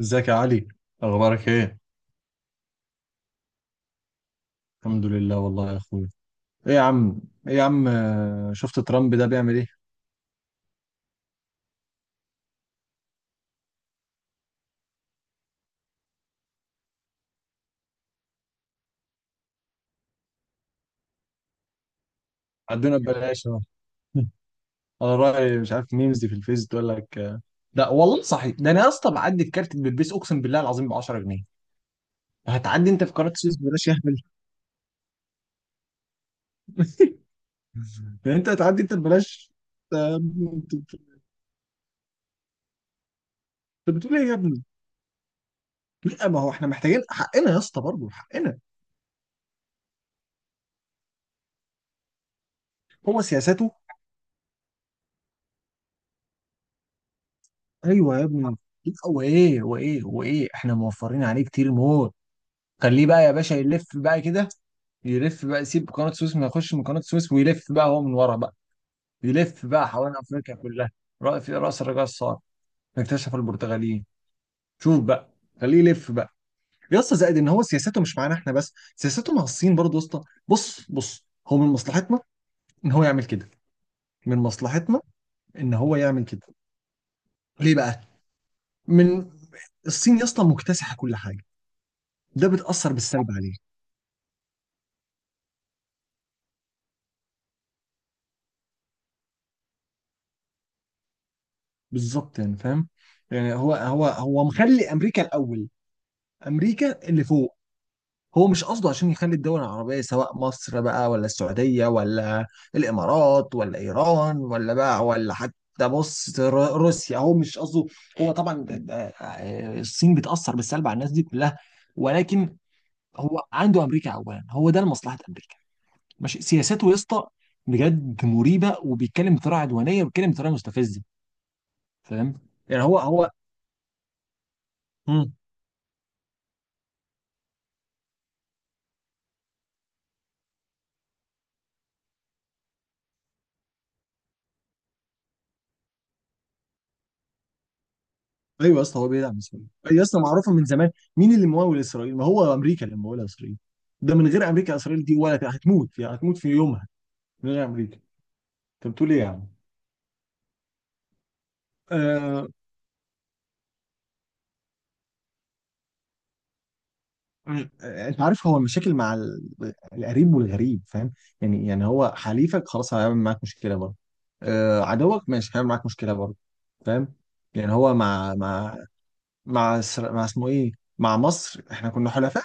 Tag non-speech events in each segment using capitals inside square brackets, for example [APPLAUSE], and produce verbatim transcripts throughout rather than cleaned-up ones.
ازيك يا علي؟ اخبارك ايه؟ الحمد لله والله يا اخويا. ايه يا عم؟ ايه يا عم، آه، شفت ترامب ده بيعمل ايه؟ عدونا ببلاش اهو. [LAUGHS] على رأي مش عارف، ميمز دي في الفيس تقول لك آه، لا والله صحيح، ده انا يا اسطى بعدي الكارت بلبس، اقسم بالله العظيم ب عشرة جنيه. هتعدي انت في قناة السويس ببلاش يا اهبل؟ [LAUGHS] يعني انت هتعدي انت ببلاش؟ آه، انت، أنت بتقول ايه يا ابني؟ لا ما هو احنا محتاجين حقنا يا اسطى، برضه حقنا. هو سياساته. ايوه يا ابني. لا وايه وايه وايه، احنا موفرين عليه كتير موت. خليه بقى يا باشا يلف بقى كده. يلف بقى يسيب قناة السويس، ما يخش من قناة السويس ويلف بقى هو من ورا بقى. يلف بقى حوالين أفريقيا كلها. رأي في رأس الرجاء الصقر. اكتشف البرتغاليين. شوف بقى. خليه يلف بقى. يا اسطى زائد ان هو سياسته مش معانا احنا بس، سياسته مع الصين برضه يا اسطى. بص بص هو من مصلحتنا ان هو يعمل كده. من مصلحتنا ان هو يعمل كده. ليه بقى؟ من الصين يا اسطى مكتسحه كل حاجه. ده بتأثر بالسلب عليه. بالظبط يعني فاهم. يعني هو هو هو مخلي امريكا الاول. امريكا اللي فوق. هو مش قصده عشان يخلي الدول العربيه، سواء مصر بقى ولا السعوديه ولا الامارات ولا ايران ولا بقى، ولا حتى بص ر- روسيا، هو مش قصده. هو طبعا ده- ده- الصين بتاثر بالسلب على الناس دي كلها. ولكن هو عنده امريكا اولا، هو ده لمصلحه امريكا. ماشي سياساته يا اسطى بجد مريبه، وبيتكلم بطريقه عدوانيه وبيتكلم بطريقه مستفزه. فاهم؟ يعني هو، هو، ايوه يا اسطى، هو بيدعم اسرائيل ايوه يا اسطى، معروفه من زمان. مين اللي ممول اسرائيل؟ ما هو امريكا اللي مموله اسرائيل. ده من غير امريكا، اسرائيل دي ولا هتموت يعني، هتموت في يومها. من غير امريكا. انت بتقول ايه يا عم؟ آه، آه، انت عارف هو المشاكل مع ال- القريب والغريب. فاهم؟ يعني يعني هو حليفك خلاص هيعمل معاك مشكله برضه. آه، عدوك ماشي هيعمل معاك مشكله برضه. فاهم؟ يعني هو مع مع مع, إسرا- مع اسمه ايه، مع مصر، احنا كنا حلفاء.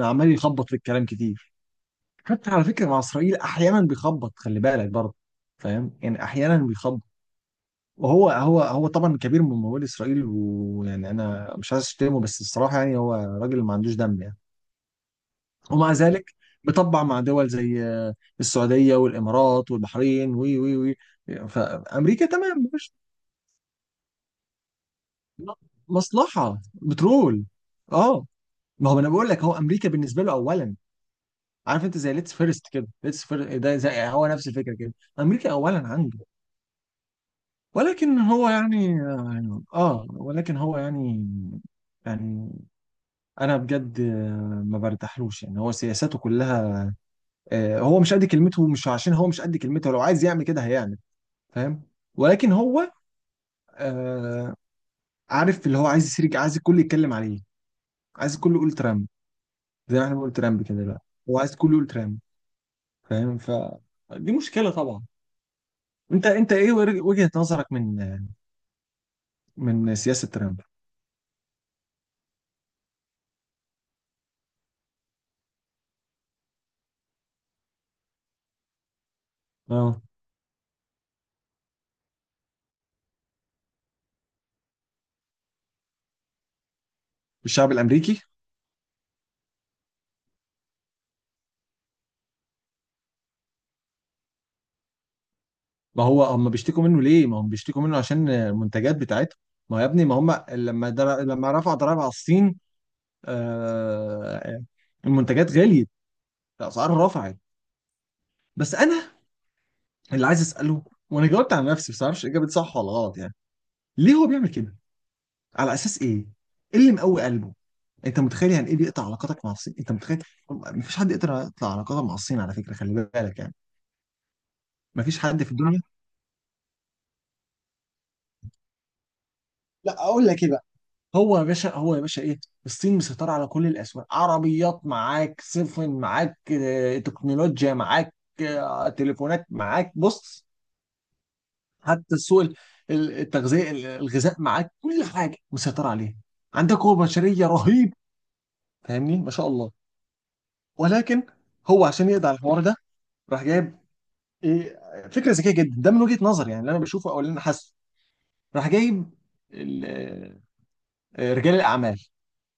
عمال يخبط في الكلام كتير. حتى على فكره مع اسرائيل احيانا بيخبط، خلي بالك برضه. فاهم يعني احيانا بيخبط. وهو هو هو طبعا كبير من ممول اسرائيل، ويعني انا مش عايز اشتمه بس الصراحه يعني هو راجل ما عندوش دم يعني. ومع ذلك بيطبع مع دول زي آه، السعوديه والامارات والبحرين وي وي وي فامريكا تمام، مفيش مصلحه بترول. اه. ما هو انا بقول لك هو امريكا بالنسبه له اولا. عارف انت زي ليتس فيرست كده، ليتس فيرست ده زي هو نفس الفكره كده. امريكا اولا عنده. ولكن هو يعني يعني- اه ولكن هو يعني، يعني انا بجد آه، ما برتاحلوش يعني، هو سياساته كلها آه، هو مش قد كلمته، مش عشان هو مش قد كلمته لو عايز يعمل كده هيعمل. فاهم؟ ولكن هو آه، عارف اللي هو عايز يسرق، عايز الكل يتكلم عليه. عايز الكل يقول ترامب، زي ما احنا بنقول ترامب كده دلوقتي. هو عايز الكل يقول ترامب. فاهم؟ فدي مشكلة طبعا. انت انت ايه وجهة نظرك من، من سياسة ترامب؟ اه. الشعب الامريكي. ما هو هم بيشتكوا منه ليه؟ ما هم بيشتكوا منه عشان المنتجات بتاعتهم. ما هو يا ابني ما هم لما در... لما رفع ضرائب على الصين، آه... المنتجات غليت، الاسعار رفعت. بس انا اللي عايز اساله، وانا جاوبت على نفسي بس معرفش اجابه صح ولا غلط يعني، ليه هو بيعمل كده؟ على اساس ايه؟ ايه اللي مقوي قلبه؟ انت متخيل يعني ايه بيقطع علاقاتك مع الصين؟ انت متخيل؟ مفيش حد يقدر يقطع علاقاته مع الصين، على فكره خلي بالك يعني. مفيش حد في الدنيا. لا اقول لك ايه بقى، هو يا باشا هو يا باشا ايه، الصين مسيطره على كل الاسواق. عربيات معاك، سفن معاك، آه، تكنولوجيا معاك، آه، تليفونات معاك، بص حتى السوق ال- ال- التغذيه ال- الغذاء معاك، كل حاجه مسيطره عليها. عندك قوه بشريه رهيب، فاهمني ما شاء الله. ولكن هو عشان يقضي على الحوار ده، راح جايب ايه، فكره ذكيه جدا ده من وجهه نظري يعني، اللي انا بشوفه او اللي انا حاسه. راح جايب آه، رجال الاعمال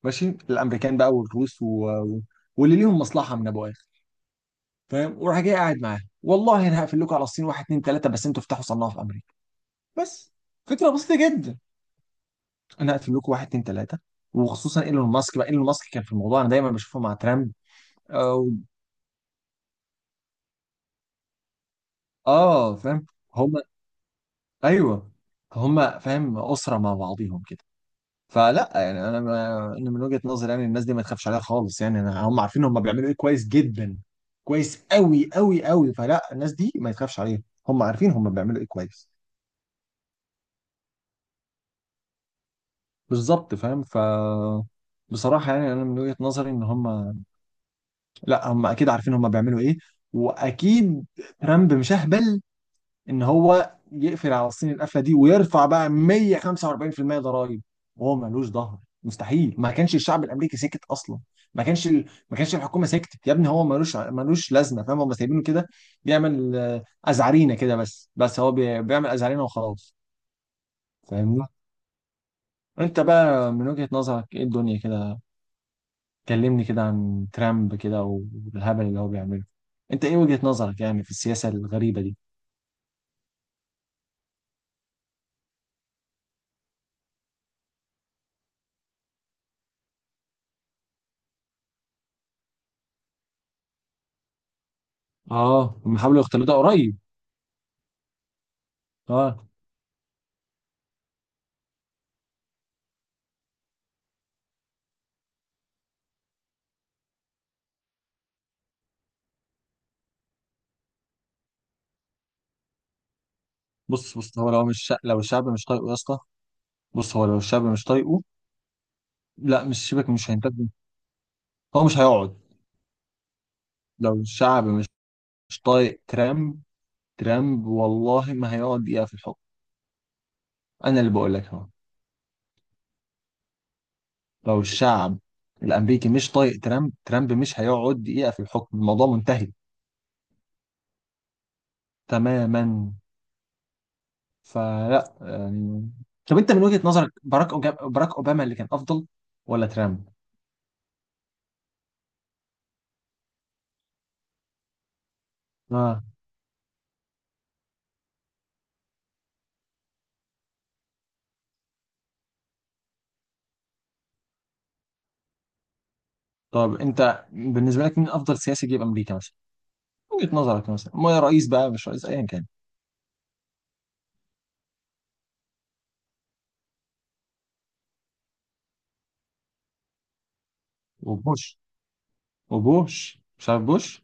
ماشي، الامريكان بقى والروس و... و- واللي ليهم مصلحه من ابو اخر. فاهم؟ وراح جاي قاعد معاه، والله انا هقفل لكم على الصين واحد اتنين تلاته بس انتوا افتحوا صناعه في امريكا. بس فكره بسيطه جدا، انا هقفل لكم واحد اتنين تلاته. وخصوصا ايلون ماسك بقى، ايلون ماسك كان في الموضوع، انا دايما بشوفه مع ترامب. أو... اه فاهم. هم. ايوه. هم فاهم اسره مع بعضيهم كده. فلا يعني انا ما- انا من وجهة نظري يعني الناس دي ما تخافش عليها خالص يعني، أنا- هم عارفين هم بيعملوا ايه كويس جدا، كويس قوي قوي قوي. فلا الناس دي ما يتخافش عليها، هم عارفين هم بيعملوا ايه كويس. بالظبط فاهم ف بصراحة يعني انا من وجهة نظري ان هم، لا هم اكيد عارفين هم بيعملوا ايه. واكيد ترامب مش اهبل ان هو يقفل على الصين القفله دي ويرفع بقى مية وخمسة واربعين في المية ضرائب وهو ملوش ظهر. مستحيل، ما كانش الشعب الامريكي سكت اصلا، ما كانش ال... ما كانش الحكومه سكتت يا ابني، هو ملوش ملوش لازمه. فاهم؟ هم سايبينه كده بيعمل آه، ازعرينه كده بس، بس هو بي... بيعمل ازعرينه وخلاص. فاهمني؟ انت بقى من وجهة نظرك ايه الدنيا كده؟ كلمني كده عن ترامب، كده والهبل اللي هو بيعمله. انت ايه وجهة نظرك يعني في السياسة الغريبة دي؟ اه. هم حاولوا يختلطوا قريب. اه. بص بص هو لو مش شا... لو الشعب مش طايقه يا اسطى، بص هو لو الشعب مش طايقه، لا مش شبك مش هينتج، هو مش هيقعد. لو الشعب مش، مش طايق ترامب، ترامب والله ما هيقعد دقيقة في الحكم. انا اللي بقول لك اهو، لو الشعب الامريكي مش طايق ترامب، ترامب مش هيقعد دقيقة في الحكم، الموضوع منتهي تماما. فلا يعني، طب انت من وجهة نظرك باراك أوجا- باراك اوباما اللي كان افضل ولا ترامب؟ اه. طب انت بالنسبة لك مين افضل سياسي جه في امريكا مثلا؟ وجهة نظرك مثلا ما رئيس بقى، مش رئيس ايا كان. وبوش. وبوش مش عارف بوش؟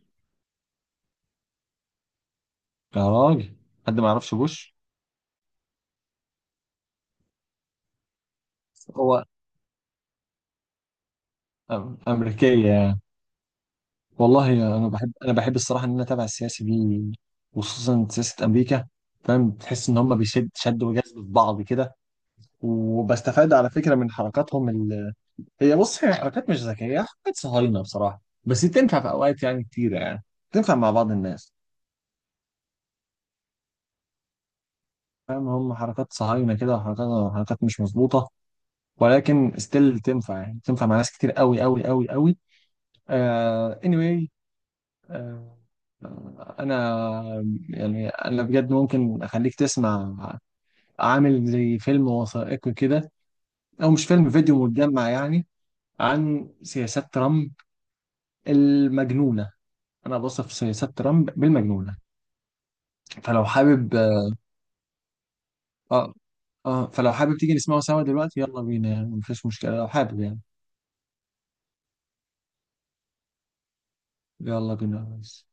يا راجل، حد ما يعرفش بوش؟ هو أم- امريكيه يعني. والله انا بحب، انا بحب الصراحه ان انا اتابع السياسه دي وخصوصا سياسه امريكا. فاهم؟ تحس ان هم بيشد شد وجذب في بعض كده. وبستفاد على فكره من حركاتهم ال... هي بص هي حركات مش ذكيه، حركات صهاينه بصراحه، بس تنفع في اوقات يعني كتيره يعني، تنفع مع بعض الناس. فاهم؟ هم حركات صهاينه كده وحركات، حركات مش مظبوطه. ولكن ستيل تنفع يعني، تنفع مع ناس كتير قوي قوي قوي قوي. آه anyway. آه. انا، يعني انا بجد ممكن اخليك تسمع عامل زي فيلم وثائقي كده، او مش فيلم، فيديو متجمع يعني، عن سياسات ترامب المجنونة. انا بوصف سياسات ترامب بالمجنونة. فلو حابب، اه. اه فلو حابب تيجي نسمعه سوا دلوقتي، يلا بينا يعني، مفيش مشكلة لو حابب يعني. يلا بينا يا ريس.